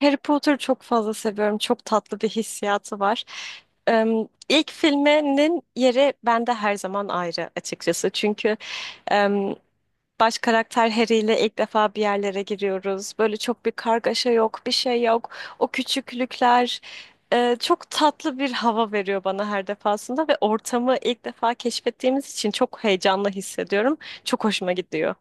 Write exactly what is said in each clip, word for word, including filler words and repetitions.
Harry Potter'ı çok fazla seviyorum. Çok tatlı bir hissiyatı var. Em, İlk filminin yeri bende her zaman ayrı açıkçası. Çünkü baş karakter Harry ile ilk defa bir yerlere giriyoruz. Böyle çok bir kargaşa yok, bir şey yok. O küçüklükler e, çok tatlı bir hava veriyor bana her defasında ve ortamı ilk defa keşfettiğimiz için çok heyecanlı hissediyorum. Çok hoşuma gidiyor.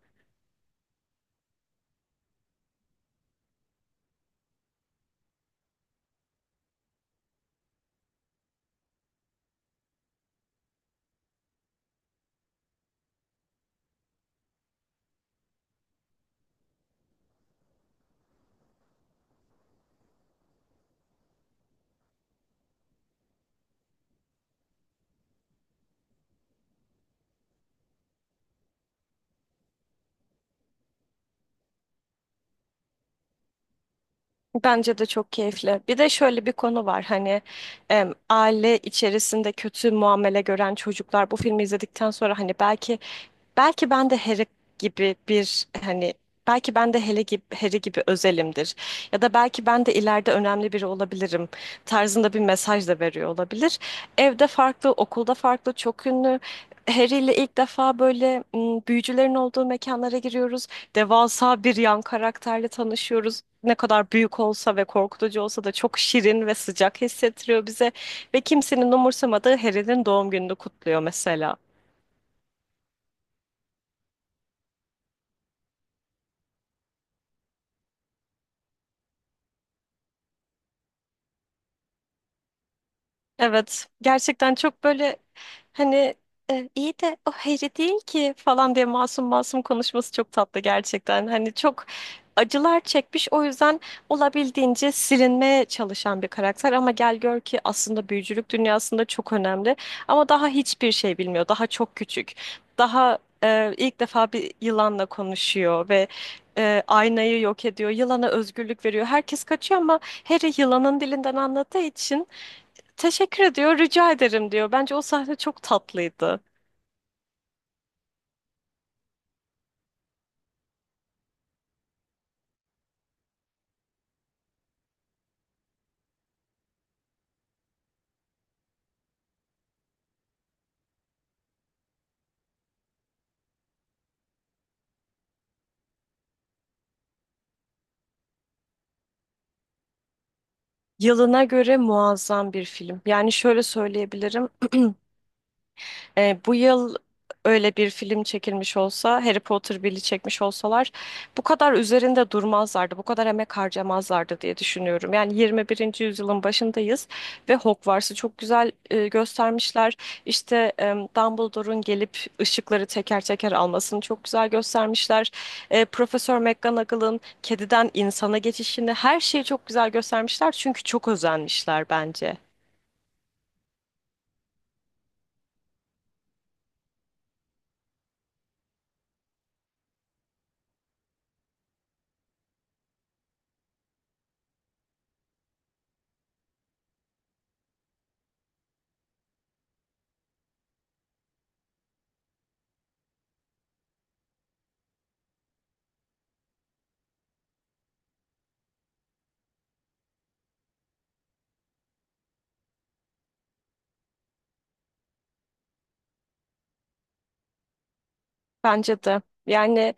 Bence de çok keyifli. Bir de şöyle bir konu var hani em, aile içerisinde kötü muamele gören çocuklar bu filmi izledikten sonra hani belki Belki ben de Harry gibi bir hani belki ben de Harry gibi, Harry gibi özelimdir. Ya da belki ben de ileride önemli biri olabilirim tarzında bir mesaj da veriyor olabilir. Evde farklı, okulda farklı, çok ünlü. Harry ile ilk defa böyle m, büyücülerin olduğu mekanlara giriyoruz. Devasa bir yan karakterle tanışıyoruz. Ne kadar büyük olsa ve korkutucu olsa da çok şirin ve sıcak hissettiriyor bize. Ve kimsenin umursamadığı Harry'nin doğum gününü kutluyor mesela. Evet, gerçekten çok böyle hani e, iyi de o Harry değil ki falan diye masum masum konuşması çok tatlı gerçekten. Hani çok acılar çekmiş, o yüzden olabildiğince silinmeye çalışan bir karakter, ama gel gör ki aslında büyücülük dünyasında çok önemli ama daha hiçbir şey bilmiyor. Daha çok küçük. Daha e, ilk defa bir yılanla konuşuyor ve e, aynayı yok ediyor. Yılana özgürlük veriyor. Herkes kaçıyor ama Harry yılanın dilinden anladığı için teşekkür ediyor, rica ederim diyor. Bence o sahne çok tatlıydı. Yılına göre muazzam bir film. Yani şöyle söyleyebilirim. E, bu yıl öyle bir film çekilmiş olsa, Harry Potter biri çekmiş olsalar bu kadar üzerinde durmazlardı, bu kadar emek harcamazlardı diye düşünüyorum. Yani yirmi birinci yüzyılın başındayız ve Hogwarts'ı çok güzel e, göstermişler. İşte e, Dumbledore'un gelip ışıkları teker teker almasını çok güzel göstermişler. E, Profesör McGonagall'ın kediden insana geçişini, her şeyi çok güzel göstermişler çünkü çok özenmişler bence. Bence de. Yani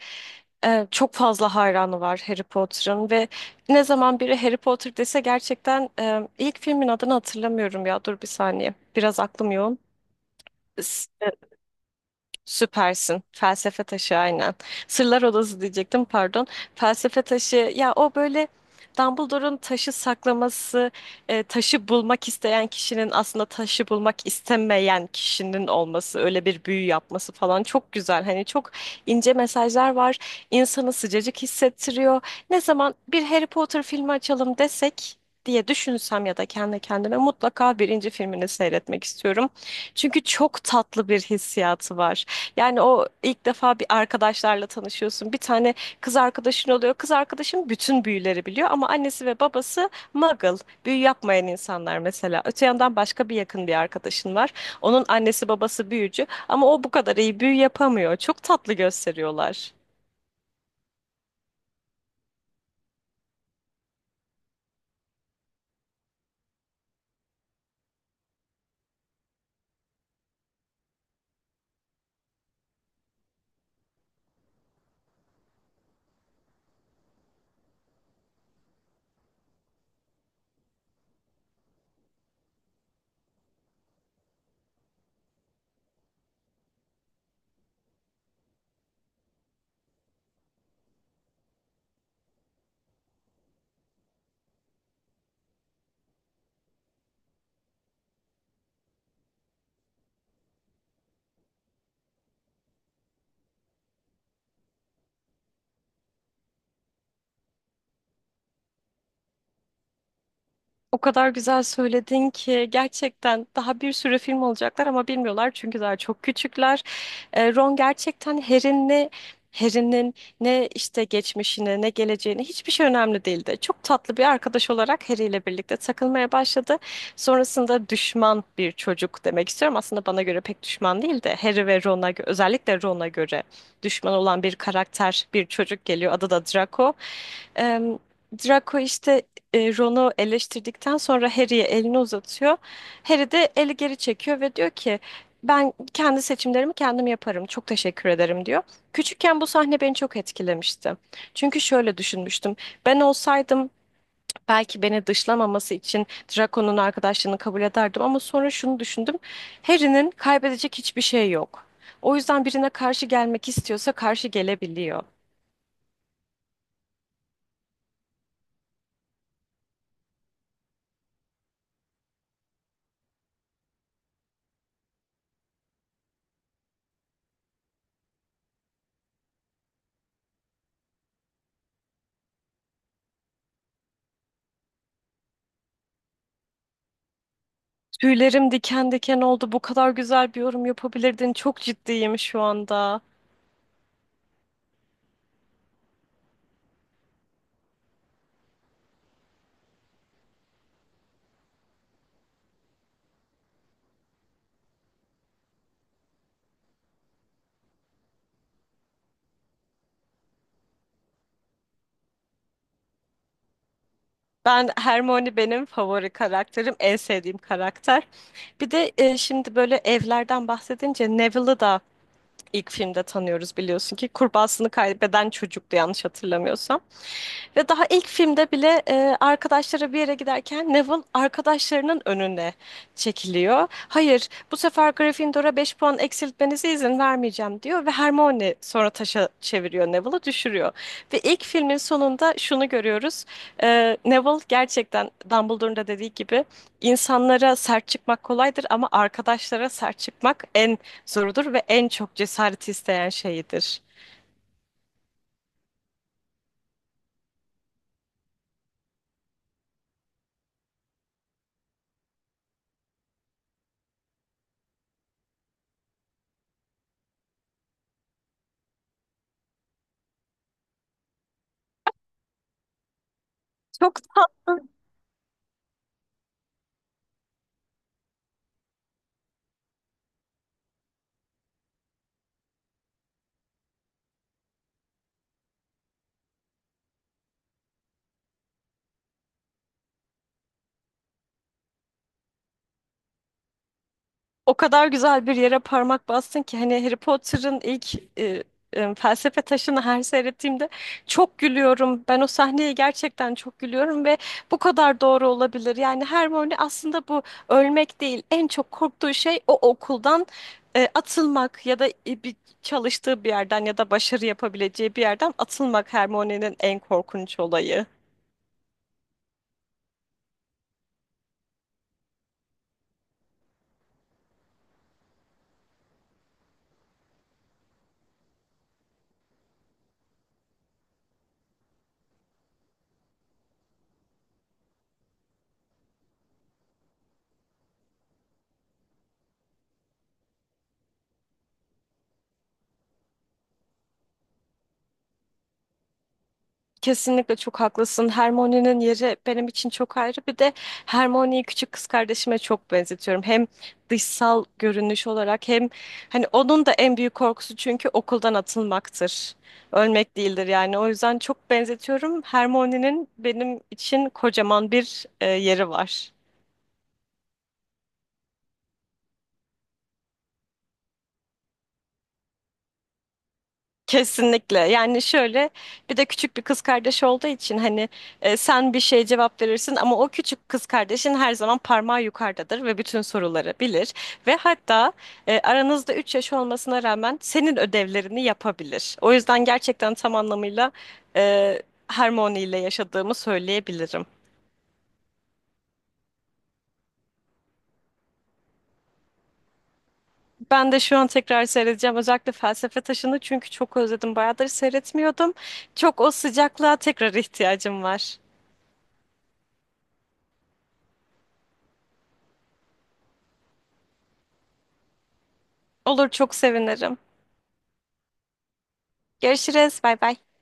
e, çok fazla hayranı var Harry Potter'ın ve ne zaman biri Harry Potter dese gerçekten e, ilk filmin adını hatırlamıyorum ya. Dur bir saniye. Biraz aklım yoğun. Süpersin. Felsefe Taşı aynen. Sırlar Odası diyecektim, pardon. Felsefe Taşı ya, o böyle Dumbledore'un taşı saklaması, e, taşı bulmak isteyen kişinin aslında taşı bulmak istemeyen kişinin olması, öyle bir büyü yapması falan çok güzel. Hani çok ince mesajlar var. İnsanı sıcacık hissettiriyor. Ne zaman bir Harry Potter filmi açalım desek diye düşünsem ya da kendi kendime mutlaka birinci filmini seyretmek istiyorum. Çünkü çok tatlı bir hissiyatı var. Yani o ilk defa bir arkadaşlarla tanışıyorsun. Bir tane kız arkadaşın oluyor. Kız arkadaşın bütün büyüleri biliyor ama annesi ve babası muggle, büyü yapmayan insanlar mesela. Öte yandan başka bir yakın bir arkadaşın var. Onun annesi babası büyücü ama o bu kadar iyi büyü yapamıyor. Çok tatlı gösteriyorlar. O kadar güzel söyledin ki gerçekten daha bir sürü film olacaklar ama bilmiyorlar çünkü daha çok küçükler. Ee, Ron gerçekten Harry'nin ne Harry'nin ne işte geçmişine ne geleceğine, hiçbir şey önemli değildi. Çok tatlı bir arkadaş olarak Harry ile birlikte takılmaya başladı. Sonrasında düşman bir çocuk demek istiyorum. Aslında bana göre pek düşman değil de Harry ve Ron'a gö- özellikle Ron'a göre düşman olan bir karakter, bir çocuk geliyor. Adı da Draco. Em, Draco işte e, Ron'u eleştirdikten sonra Harry'ye elini uzatıyor. Harry de eli geri çekiyor ve diyor ki ben kendi seçimlerimi kendim yaparım. Çok teşekkür ederim diyor. Küçükken bu sahne beni çok etkilemişti. Çünkü şöyle düşünmüştüm. Ben olsaydım belki beni dışlamaması için Draco'nun arkadaşlığını kabul ederdim ama sonra şunu düşündüm. Harry'nin kaybedecek hiçbir şey yok. O yüzden birine karşı gelmek istiyorsa karşı gelebiliyor. Tüylerim diken diken oldu. Bu kadar güzel bir yorum yapabilirdin. Çok ciddiyim şu anda. Ben Hermione, benim favori karakterim, en sevdiğim karakter. Bir de e, şimdi böyle evlerden bahsedince Neville'ı da ilk filmde tanıyoruz, biliyorsun ki kurbağasını kaybeden çocuktu yanlış hatırlamıyorsam. Ve daha ilk filmde bile e, arkadaşları bir yere giderken Neville arkadaşlarının önüne çekiliyor. Hayır, bu sefer Gryffindor'a beş puan eksiltmenize izin vermeyeceğim diyor ve Hermione sonra taşa çeviriyor, Neville'ı düşürüyor. Ve ilk filmin sonunda şunu görüyoruz. Ee, Neville gerçekten Dumbledore'un da dediği gibi insanlara sert çıkmak kolaydır ama arkadaşlara sert çıkmak en zorudur ve en çok cesaret isteyen şeyidir. Çok tatlı. O kadar güzel bir yere parmak bastın ki hani Harry Potter'ın ilk e, e, felsefe taşını her seyrettiğimde çok gülüyorum. Ben o sahneye gerçekten çok gülüyorum ve bu kadar doğru olabilir. Yani Hermione aslında bu ölmek değil. En çok korktuğu şey o okuldan e, atılmak ya da e, bir çalıştığı bir yerden ya da başarı yapabileceği bir yerden atılmak, Hermione'nin en korkunç olayı. Kesinlikle çok haklısın. Hermione'nin yeri benim için çok ayrı. Bir de Hermione'yi küçük kız kardeşime çok benzetiyorum. Hem dışsal görünüş olarak hem hani onun da en büyük korkusu çünkü okuldan atılmaktır. Ölmek değildir yani. O yüzden çok benzetiyorum. Hermione'nin benim için kocaman bir e, yeri var. Kesinlikle. Yani şöyle, bir de küçük bir kız kardeş olduğu için hani e, sen bir şeye cevap verirsin ama o küçük kız kardeşin her zaman parmağı yukarıdadır ve bütün soruları bilir ve hatta e, aranızda üç yaş olmasına rağmen senin ödevlerini yapabilir. O yüzden gerçekten tam anlamıyla e, Hermione ile yaşadığımı söyleyebilirim. Ben de şu an tekrar seyredeceğim, özellikle Felsefe Taşı'nı, çünkü çok özledim. Bayağıdır seyretmiyordum. Çok o sıcaklığa tekrar ihtiyacım var. Olur, çok sevinirim. Görüşürüz. Bay bay.